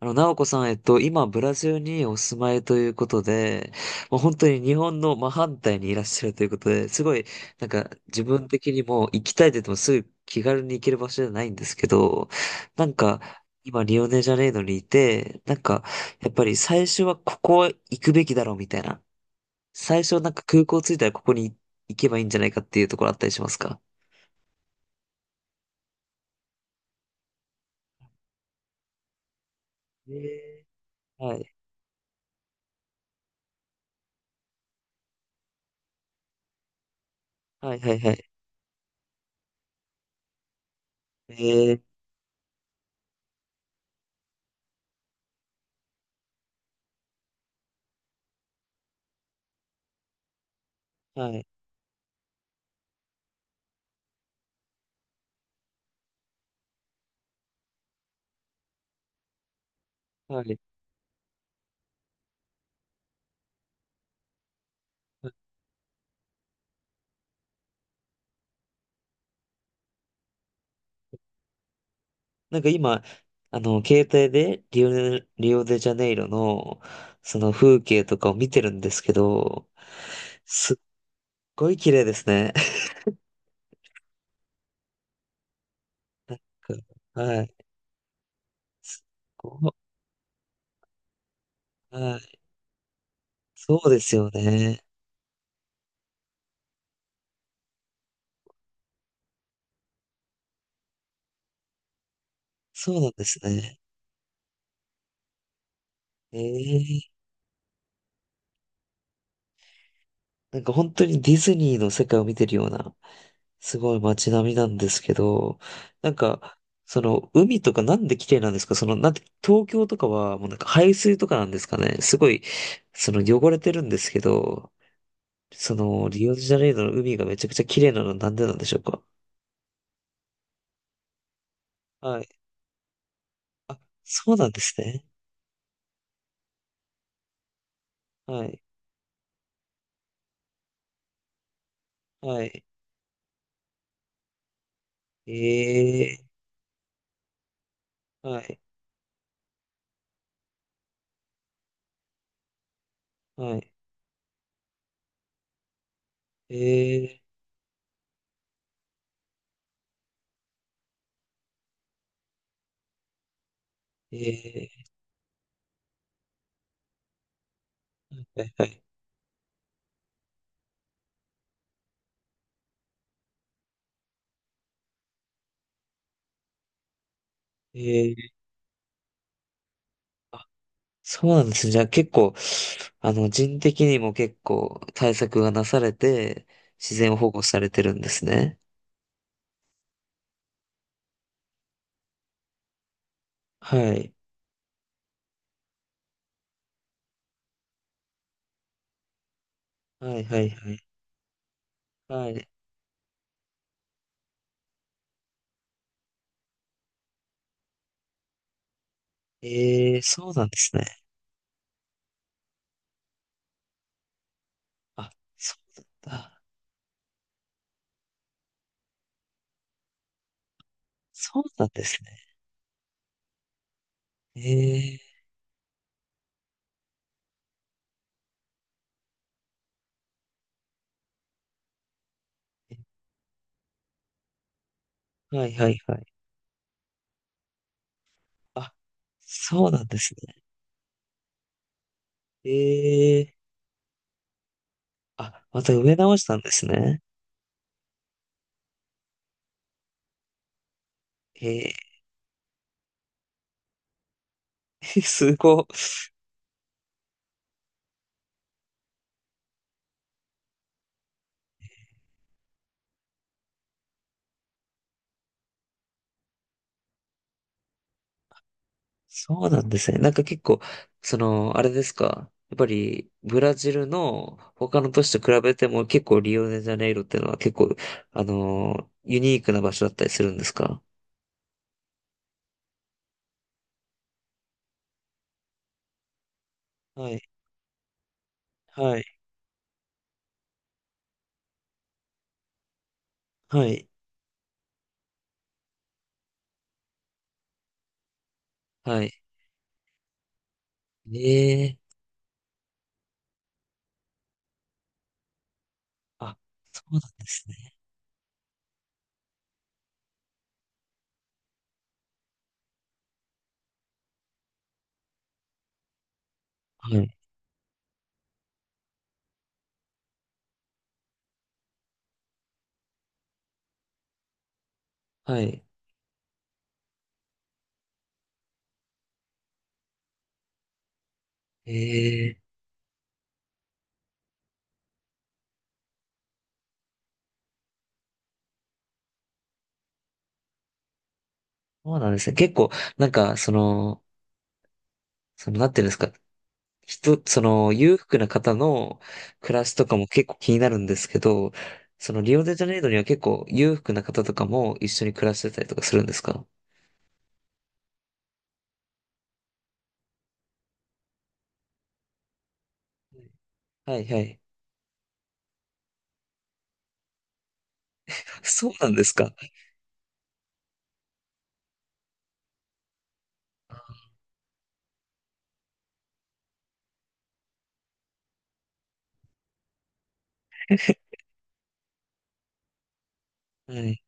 なおこさん、今、ブラジルにお住まいということで、もう本当に日本の真反対にいらっしゃるということで、すごい、なんか、自分的にも行きたいって言ってもすぐ気軽に行ける場所じゃないんですけど、なんか、今、リオネジャネイロにいて、なんか、やっぱり最初はここ行くべきだろうみたいな。最初、なんか空港着いたらここに行けばいいんじゃないかっていうところあったりしますか？えはい。はい、はい、はい。えーはい。はい。なんか今、携帯でリオデジャネイロの、その風景とかを見てるんですけど、すっごい綺麗ですね。はい。すっごい。はい。そうですよね。そうなんですね。ええ。なんか本当にディズニーの世界を見てるような、すごい街並みなんですけど、なんか、その海とかなんで綺麗なんですか？その、なんて、東京とかはもうなんか排水とかなんですかね、すごい、その汚れてるんですけど、そのリオデジャネイロの海がめちゃくちゃ綺麗なのはなんでなんでしょうか？はい。あ、そうなんですね。はい。はい。ええ、はい。はい。ええ、ええ、はい。はい。ええ。そうなんですね。じゃあ結構、人的にも結構対策がなされて、自然を保護されてるんですね。はい。はい、はい、はい。はい。ええー、そうなんですね。あ、そうなんだ。そうなんですね。ええー、はい、はい、はい。あ、そうなんですね。ええー、あ、また植え直したんですね。ええー、すごい。そうなんですね。なんか結構、その、あれですか？やっぱり、ブラジルの他の都市と比べても結構リオデジャネイロっていうのは結構、ユニークな場所だったりするんですか？はい、はい、はい、はい。ええ、あ、そうなんですね。はい、はい。ええ、そうなんですね。結構、なんか、その、その、なんていうんですか？その裕福な方の暮らしとかも結構気になるんですけど、そのリオデジャネイロには結構裕福な方とかも一緒に暮らしてたりとかするんですか？はい、はい。そうなんですか。はい。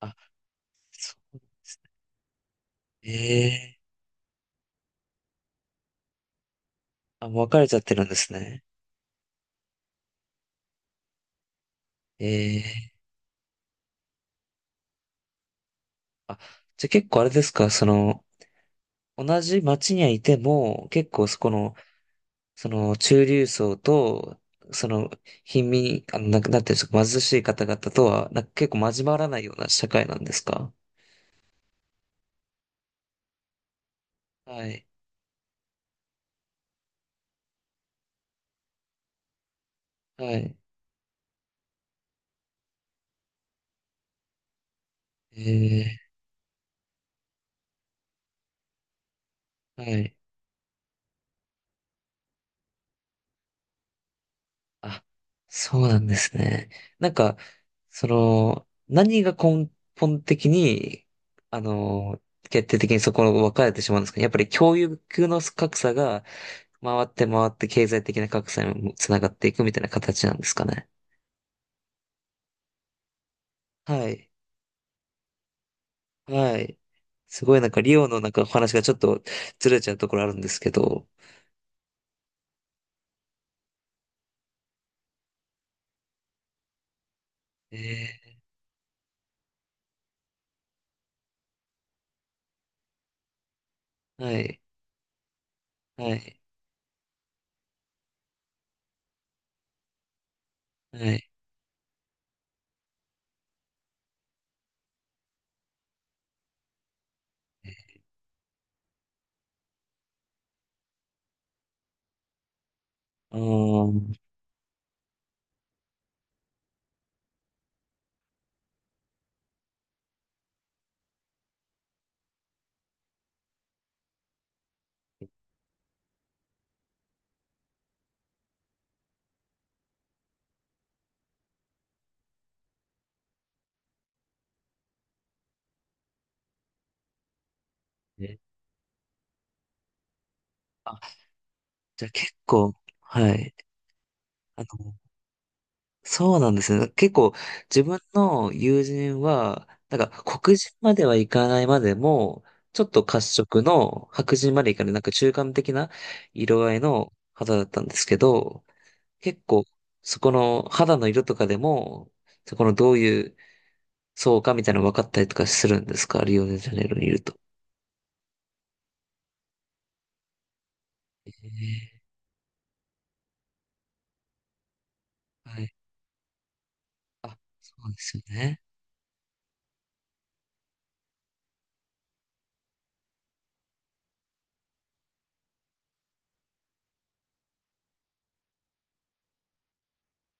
あ、そうなんですね。ええ、あ、もう別れちゃってるんですね。ええ。あ、じゃあ結構あれですか、その、同じ町にはいても、結構そこの、その中流層と、その貧民、なくなってる貧しい方々とは、なんか結構交わらないような社会なんですか？はい。はい。えはい。あ、そうなんですね。なんか、その、何が根本的に、あの、決定的にそこを分かれてしまうんですかね。やっぱり教育の格差が回って回って経済的な格差にもつながっていくみたいな形なんですかね。はい。はい。すごいなんかリオのなんかお話がちょっとずれちゃうところあるんですけど。えはい、はい、はい。うーん。えあ、じゃあ結構、はい。あの、そうなんですね。結構自分の友人は、なんか黒人まではいかないまでも、ちょっと褐色の白人までいかない、なんか中間的な色合いの肌だったんですけど、結構そこの肌の色とかでも、そこのどういうそうかみたいなの分かったりとかするんですか？リオデジャネイロにいると。えはい。そうですよね。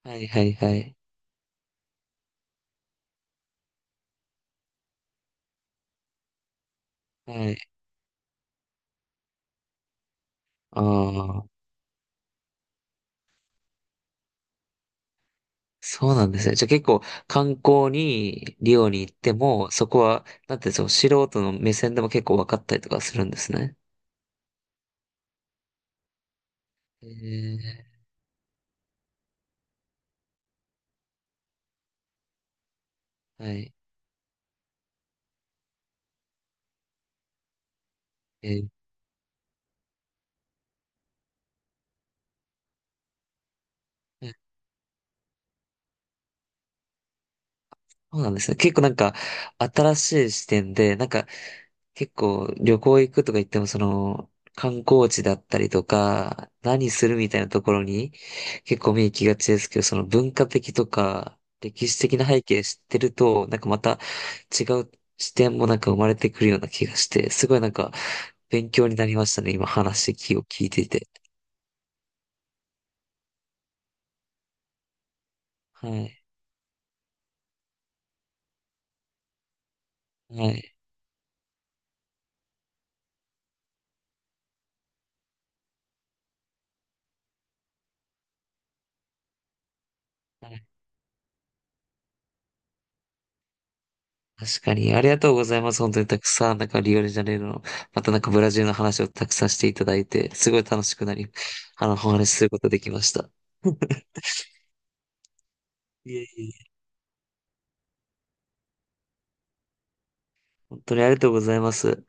はい、はい、はい。はい。ああ、そうなんですね。じゃあ結構観光にリオに行っても、そこは、なんてその素人の目線でも結構分かったりとかするんですね。えーはい。えーえそうなんですね。結構なんか新しい視点で、なんか結構旅行行くとか言ってもその観光地だったりとか何するみたいなところに結構目行きがちですけど、その文化的とか歴史的な背景知ってるとなんかまた違う視点もなんか生まれてくるような気がして、すごいなんか勉強になりましたね、今話を聞いていて。はい。はい。はい、確かに、ありがとうございます。本当にたくさん、なんかリオデジャネイロの、またなんかブラジルの話をたくさんしていただいて、すごい楽しくなり、お話しすることできました。いえ、いえ、いえ、本当にありがとうございます。